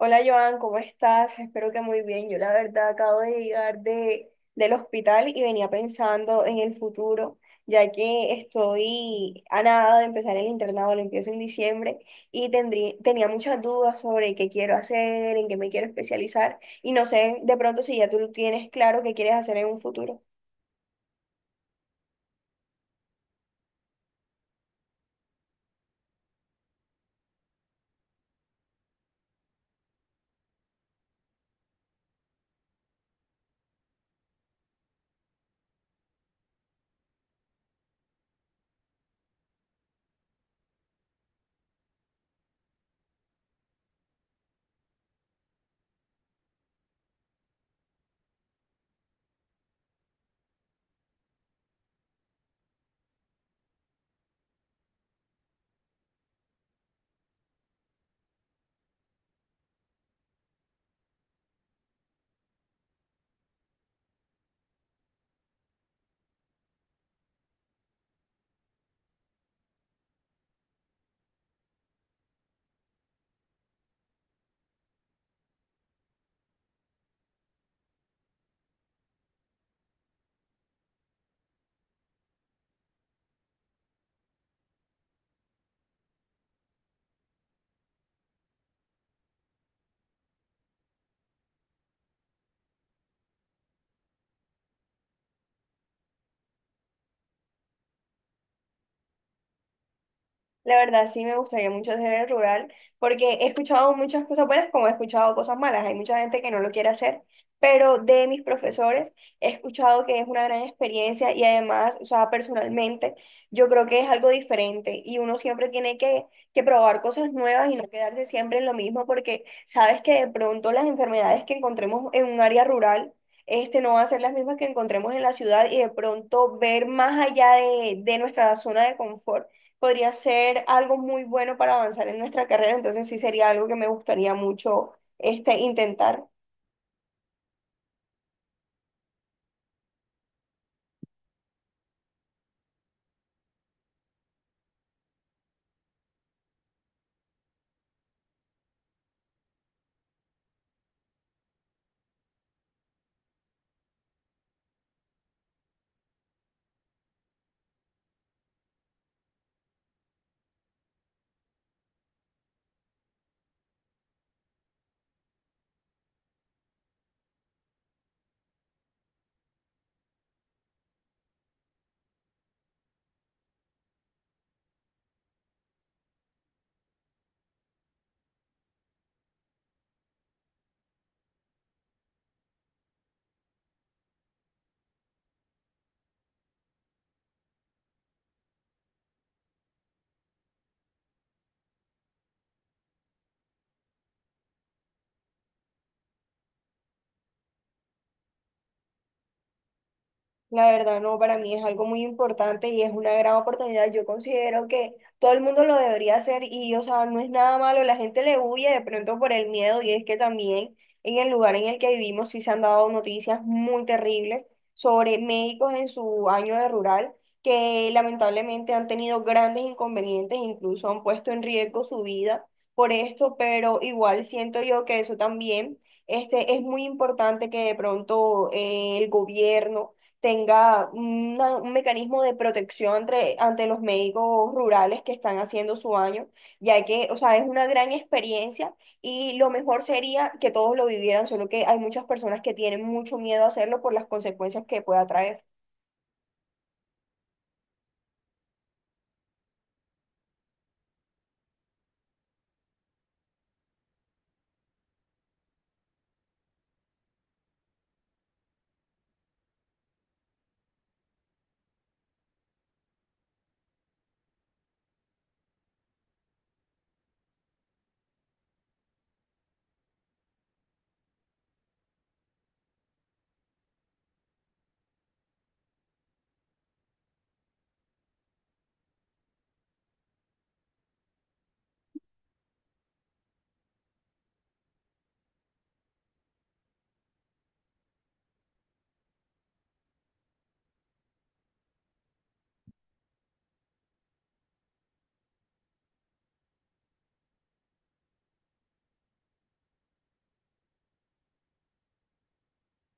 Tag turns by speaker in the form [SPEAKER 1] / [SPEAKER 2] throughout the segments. [SPEAKER 1] Hola Joan, ¿cómo estás? Espero que muy bien. Yo la verdad acabo de llegar del hospital y venía pensando en el futuro, ya que estoy a nada de empezar el internado, lo empiezo en diciembre y tenía muchas dudas sobre qué quiero hacer, en qué me quiero especializar y no sé de pronto si ya tú tienes claro qué quieres hacer en un futuro. La verdad, sí me gustaría mucho hacer el rural, porque he escuchado muchas cosas buenas como he escuchado cosas malas. Hay mucha gente que no lo quiere hacer, pero de mis profesores he escuchado que es una gran experiencia y además, o sea, personalmente, yo creo que es algo diferente y uno siempre que probar cosas nuevas y no quedarse siempre en lo mismo, porque sabes que de pronto las enfermedades que encontremos en un área rural, este, no van a ser las mismas que encontremos en la ciudad y de pronto ver más allá de nuestra zona de confort podría ser algo muy bueno para avanzar en nuestra carrera, entonces sí sería algo que me gustaría mucho este, intentar. La verdad, no, para mí es algo muy importante y es una gran oportunidad. Yo considero que todo el mundo lo debería hacer y, o sea, no es nada malo. La gente le huye de pronto por el miedo y es que también en el lugar en el que vivimos sí se han dado noticias muy terribles sobre médicos en su año de rural que lamentablemente han tenido grandes inconvenientes, incluso han puesto en riesgo su vida por esto, pero igual siento yo que eso también, este, es muy importante que de pronto el gobierno tenga un mecanismo de protección ante los médicos rurales que están haciendo su año, ya que, o sea, es una gran experiencia y lo mejor sería que todos lo vivieran, solo que hay muchas personas que tienen mucho miedo a hacerlo por las consecuencias que pueda traer.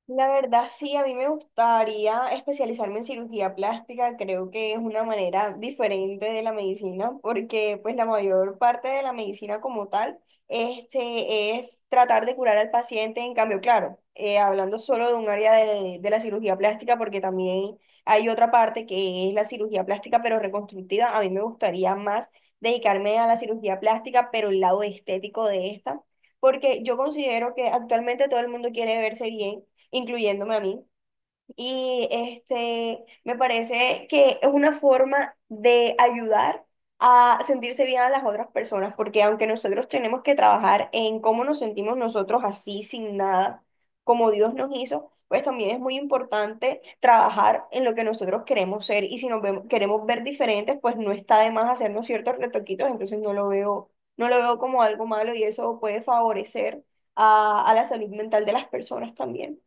[SPEAKER 1] La verdad, sí, a mí me gustaría especializarme en cirugía plástica, creo que es una manera diferente de la medicina, porque pues la mayor parte de la medicina como tal, este, es tratar de curar al paciente, en cambio, claro, hablando solo de un área de la cirugía plástica, porque también hay otra parte que es la cirugía plástica, pero reconstructiva, a mí me gustaría más dedicarme a la cirugía plástica, pero el lado estético de esta, porque yo considero que actualmente todo el mundo quiere verse bien incluyéndome a mí. Y este, me parece que es una forma de ayudar a sentirse bien a las otras personas, porque aunque nosotros tenemos que trabajar en cómo nos sentimos nosotros así, sin nada, como Dios nos hizo, pues también es muy importante trabajar en lo que nosotros queremos ser. Y si queremos ver diferentes, pues no está de más hacernos ciertos retoquitos, entonces no lo veo como algo malo y eso puede favorecer a la salud mental de las personas también.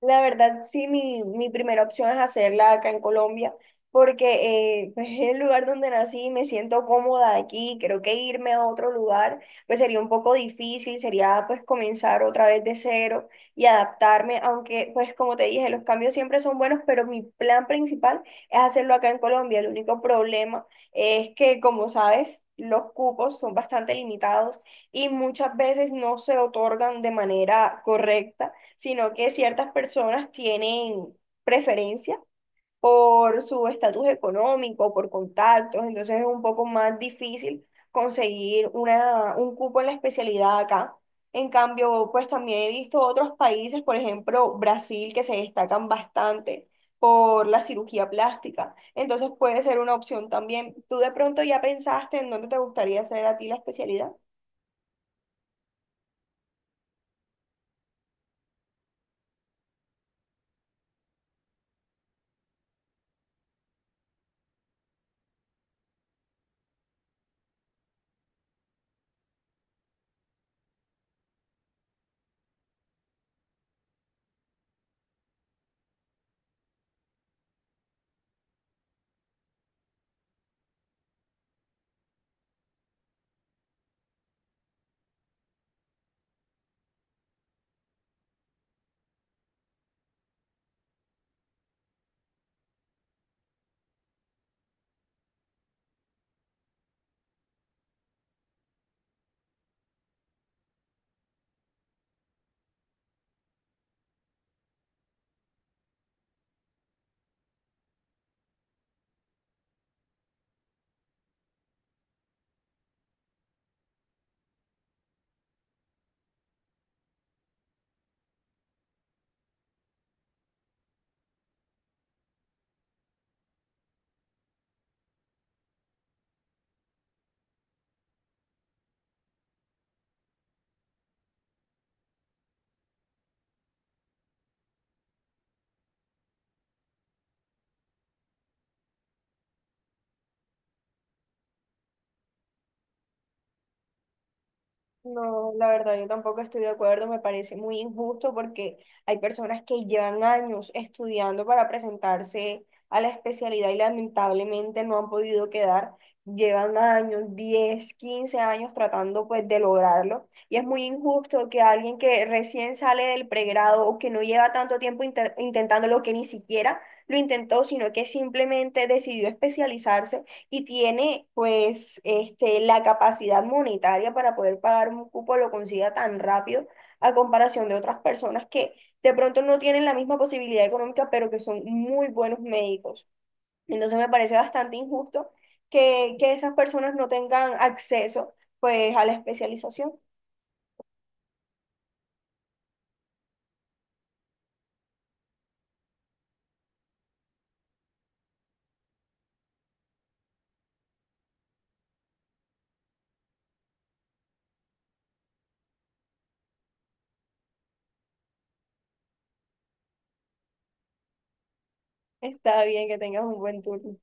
[SPEAKER 1] La verdad, sí, mi primera opción es hacerla acá en Colombia, porque pues, es el lugar donde nací, me siento cómoda aquí, creo que irme a otro lugar pues sería un poco difícil, sería pues comenzar otra vez de cero y adaptarme, aunque pues como te dije, los cambios siempre son buenos, pero mi plan principal es hacerlo acá en Colombia. El único problema es que, como sabes, los cupos son bastante limitados y muchas veces no se otorgan de manera correcta sino que ciertas personas tienen preferencia por su estatus económico, por contactos, entonces es un poco más difícil conseguir un cupo en la especialidad acá. En cambio, pues también he visto otros países, por ejemplo, Brasil, que se destacan bastante por la cirugía plástica. Entonces puede ser una opción también. ¿Tú de pronto ya pensaste en dónde te gustaría hacer a ti la especialidad? No, la verdad, yo tampoco estoy de acuerdo, me parece muy injusto porque hay personas que llevan años estudiando para presentarse a la especialidad y lamentablemente no han podido quedar, llevan años, 10 15 años tratando pues de lograrlo y es muy injusto que alguien que recién sale del pregrado o que no lleva tanto tiempo intentándolo, que ni siquiera lo intentó, sino que simplemente decidió especializarse y tiene pues este, la capacidad monetaria para poder pagar un cupo, lo consiga tan rápido a comparación de otras personas que de pronto no tienen la misma posibilidad económica, pero que son muy buenos médicos. Entonces me parece bastante injusto que esas personas no tengan acceso pues a la especialización. Está bien que tengas un buen turno.